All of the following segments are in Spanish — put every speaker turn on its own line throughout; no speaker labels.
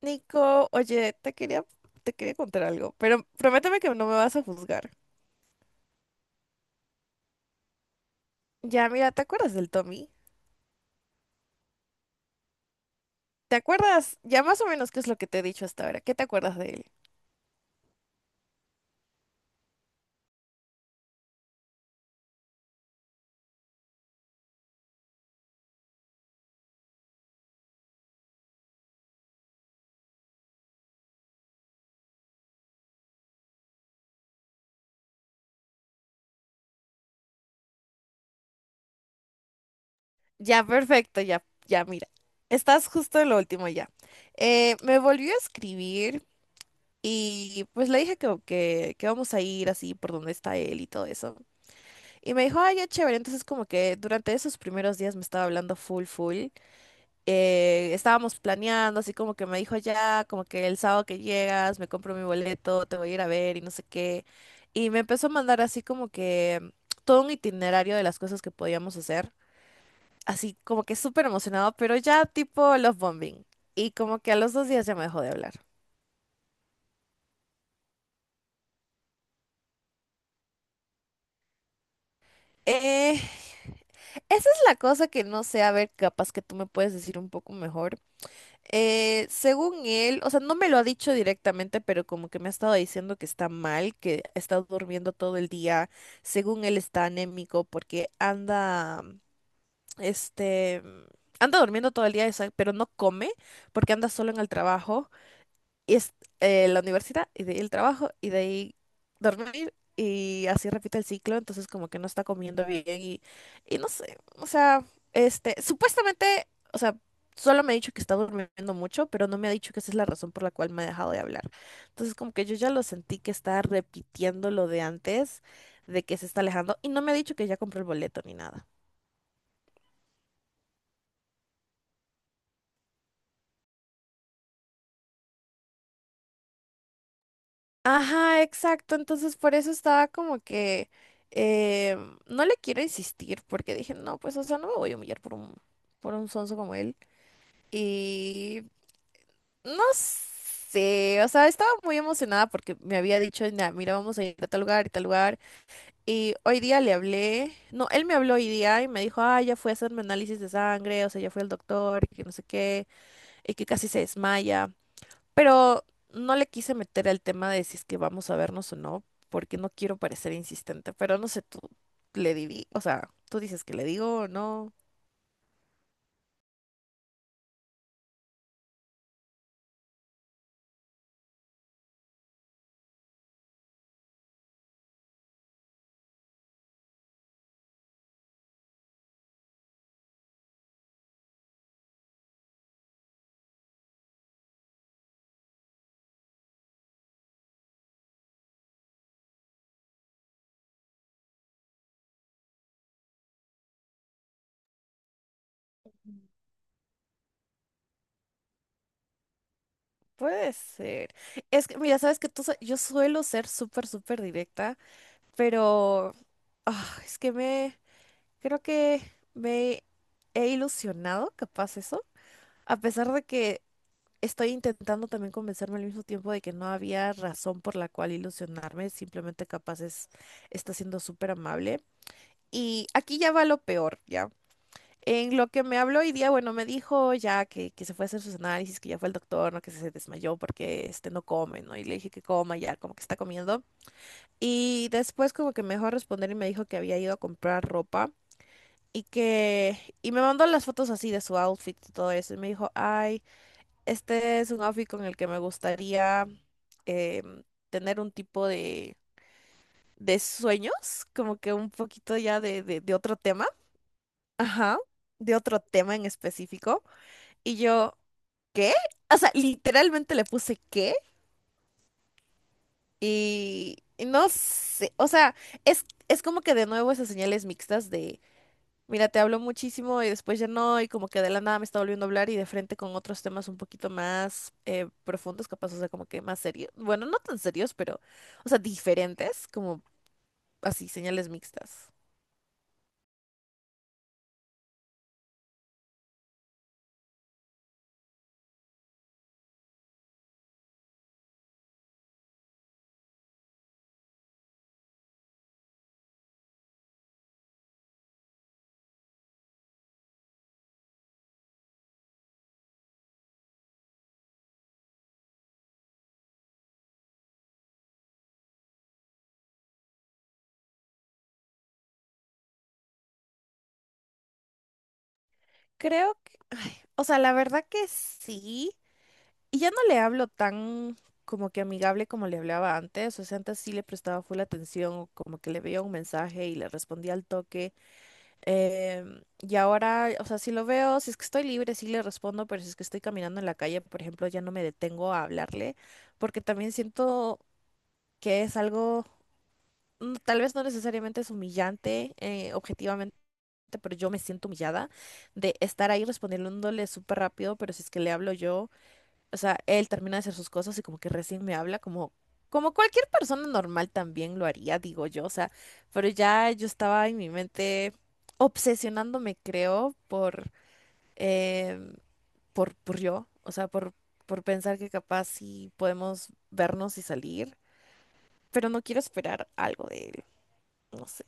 Nico, oye, te quería contar algo, pero prométeme que no me vas a juzgar. Ya, mira, ¿te acuerdas del Tommy? ¿Te acuerdas? Ya más o menos qué es lo que te he dicho hasta ahora. ¿Qué te acuerdas de él? Ya, perfecto, ya, ya, mira. Estás justo en lo último ya. Me volvió a escribir y pues le dije que vamos a ir así por donde está él y todo eso. Y me dijo, ay, ya chévere. Entonces como que durante esos primeros días me estaba hablando full, full. Estábamos planeando, así como que me dijo ya, como que el sábado que llegas, me compro mi boleto, te voy a ir a ver y no sé qué. Y me empezó a mandar así como que todo un itinerario de las cosas que podíamos hacer, así como que súper emocionado, pero ya tipo love bombing. Y como que a los dos días ya me dejó de hablar. Eh, Esa es la cosa que no sé, a ver, capaz que tú me puedes decir un poco mejor. Según él, o sea, no me lo ha dicho directamente, pero como que me ha estado diciendo que está mal, que ha estado durmiendo todo el día. Según él está anémico porque anda, este, anda durmiendo todo el día, o sea, pero no come porque anda solo en el trabajo y es la universidad y de ahí el trabajo y de ahí dormir y así repite el ciclo, entonces como que no está comiendo bien y no sé, o sea, supuestamente, o sea, solo me ha dicho que está durmiendo mucho, pero no me ha dicho que esa es la razón por la cual me ha dejado de hablar. Entonces como que yo ya lo sentí que está repitiendo lo de antes, de que se está alejando y no me ha dicho que ya compró el boleto ni nada. Ajá, exacto. Entonces por eso estaba como que eh, no le quiero insistir porque dije, no, pues o sea, no me voy a humillar por por un sonso como él. Y no sé, o sea, estaba muy emocionada porque me había dicho, "Nah, mira, vamos a ir a tal lugar y tal lugar". Y hoy día le hablé, no, él me habló hoy día y me dijo, ah, ya fue a hacerme análisis de sangre, o sea, ya fue al doctor, y que no sé qué, y que casi se desmaya. Pero no le quise meter el tema de si es que vamos a vernos o no, porque no quiero parecer insistente, pero no sé, tú le di, o sea, tú dices que le digo o no. Puede ser. Es que, mira, sabes que yo suelo ser súper, súper directa, pero ah, es que me, creo que me he ilusionado, capaz eso, a pesar de que estoy intentando también convencerme al mismo tiempo de que no había razón por la cual ilusionarme, simplemente capaz es, está siendo súper amable. Y aquí ya va lo peor, ¿ya? En lo que me habló hoy día, bueno, me dijo ya que se fue a hacer sus análisis, que ya fue el doctor, ¿no? Que se desmayó porque este no come, ¿no? Y le dije que coma ya, como que está comiendo. Y después como que me dejó responder y me dijo que había ido a comprar ropa y que... Y me mandó las fotos así de su outfit y todo eso. Y me dijo, ay. Este es un outfit con el que me gustaría em, tener un tipo de sueños, como que un poquito ya de otro tema. Ajá, de otro tema en específico. Y yo, ¿qué? O sea, literalmente le puse ¿qué? Y no sé, o sea, es como que de nuevo esas señales mixtas de mira, te hablo muchísimo y después ya no, y como que de la nada me está volviendo a hablar y de frente con otros temas un poquito más profundos, capaz, o sea, como que más serios. Bueno, no tan serios, pero, o sea, diferentes, como así, señales mixtas. Creo que, ay, o sea, la verdad que sí. Y ya no le hablo tan como que amigable como le hablaba antes, o sea, antes sí le prestaba full atención, o como que le veía un mensaje y le respondía al toque. Y ahora, o sea, si lo veo, si es que estoy libre, sí le respondo, pero si es que estoy caminando en la calle, por ejemplo, ya no me detengo a hablarle, porque también siento que es algo, tal vez no necesariamente es humillante, objetivamente, pero yo me siento humillada de estar ahí respondiéndole súper rápido, pero si es que le hablo yo o sea, él termina de hacer sus cosas y como que recién me habla, como, como cualquier persona normal también lo haría, digo yo, o sea, pero ya yo estaba en mi mente obsesionándome, creo, em, o sea, por pensar que capaz sí podemos vernos y salir, pero no quiero esperar algo de él, no sé.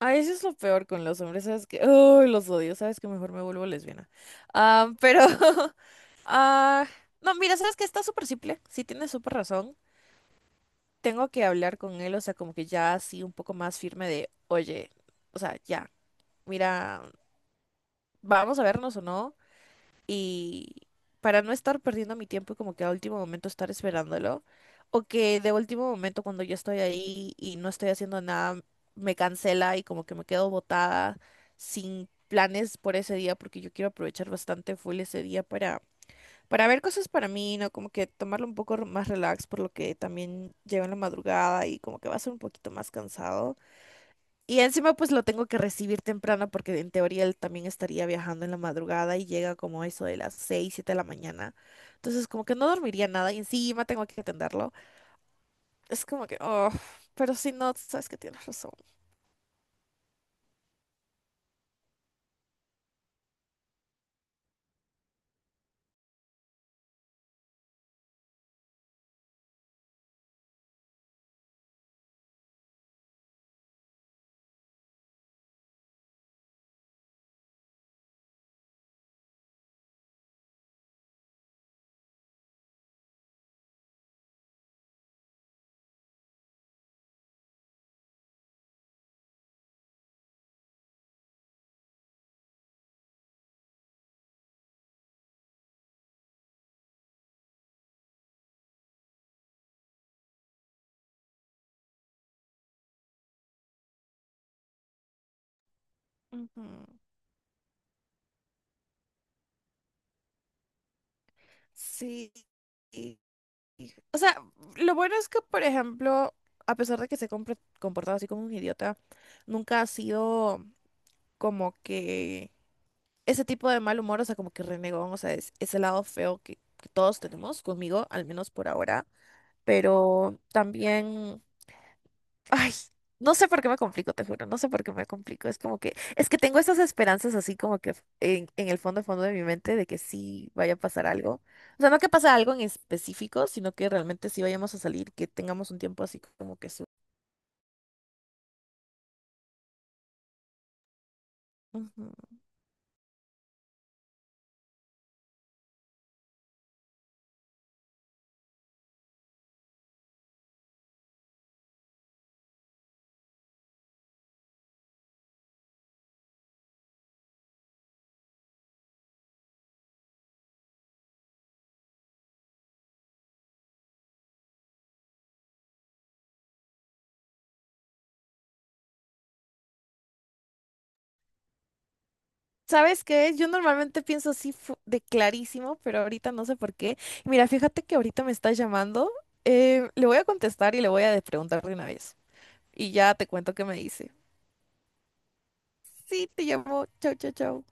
Ah, eso es lo peor con los hombres, ¿sabes que Uy, los odio, ¿sabes que Mejor me vuelvo lesbiana. Ah, pero... ah, no, mira, ¿sabes que Está súper simple, sí tienes súper razón. Tengo que hablar con él, o sea, como que ya así un poco más firme de, oye, o sea, ya, mira, vamos a vernos o no y para no estar perdiendo mi tiempo y como que a último momento estar esperándolo, o que de último momento cuando yo estoy ahí y no estoy haciendo nada, me cancela y como que me quedo botada sin planes por ese día porque yo quiero aprovechar bastante full ese día para ver cosas para mí, ¿no? Como que tomarlo un poco más relax por lo que también llego en la madrugada y como que va a ser un poquito más cansado. Y encima pues lo tengo que recibir temprano porque en teoría él también estaría viajando en la madrugada y llega como eso de las 6 7 de la mañana. Entonces como que no dormiría nada y encima tengo que atenderlo. Es como que, oh, pero si no, sabes que tienes razón. Ujú. Sí. y- O sea, lo bueno es que, por ejemplo, a pesar de que se ha comportado así como un idiota, nunca ha sido como que ese tipo de mal humor, o sea, como que renegón, o sea, es ese lado feo que todos tenemos conmigo, al menos por ahora, pero también, ay, no sé por qué me complico, te juro, no sé por qué me complico, es como que, es que tengo esas esperanzas así como que en el fondo, fondo de mi mente de que sí vaya a pasar algo, o sea, no que pase algo en específico, sino que realmente sí vayamos a salir, que tengamos un tiempo así como que su... Ujú. ¿Sabes qué? Yo normalmente pienso así de clarísimo, pero ahorita no sé por qué. Mira, fíjate que ahorita me está llamando. Le voy a contestar y le voy a preguntar de una vez. Y ya te cuento qué me dice. Sí, te llamo. Chau, chau, chau.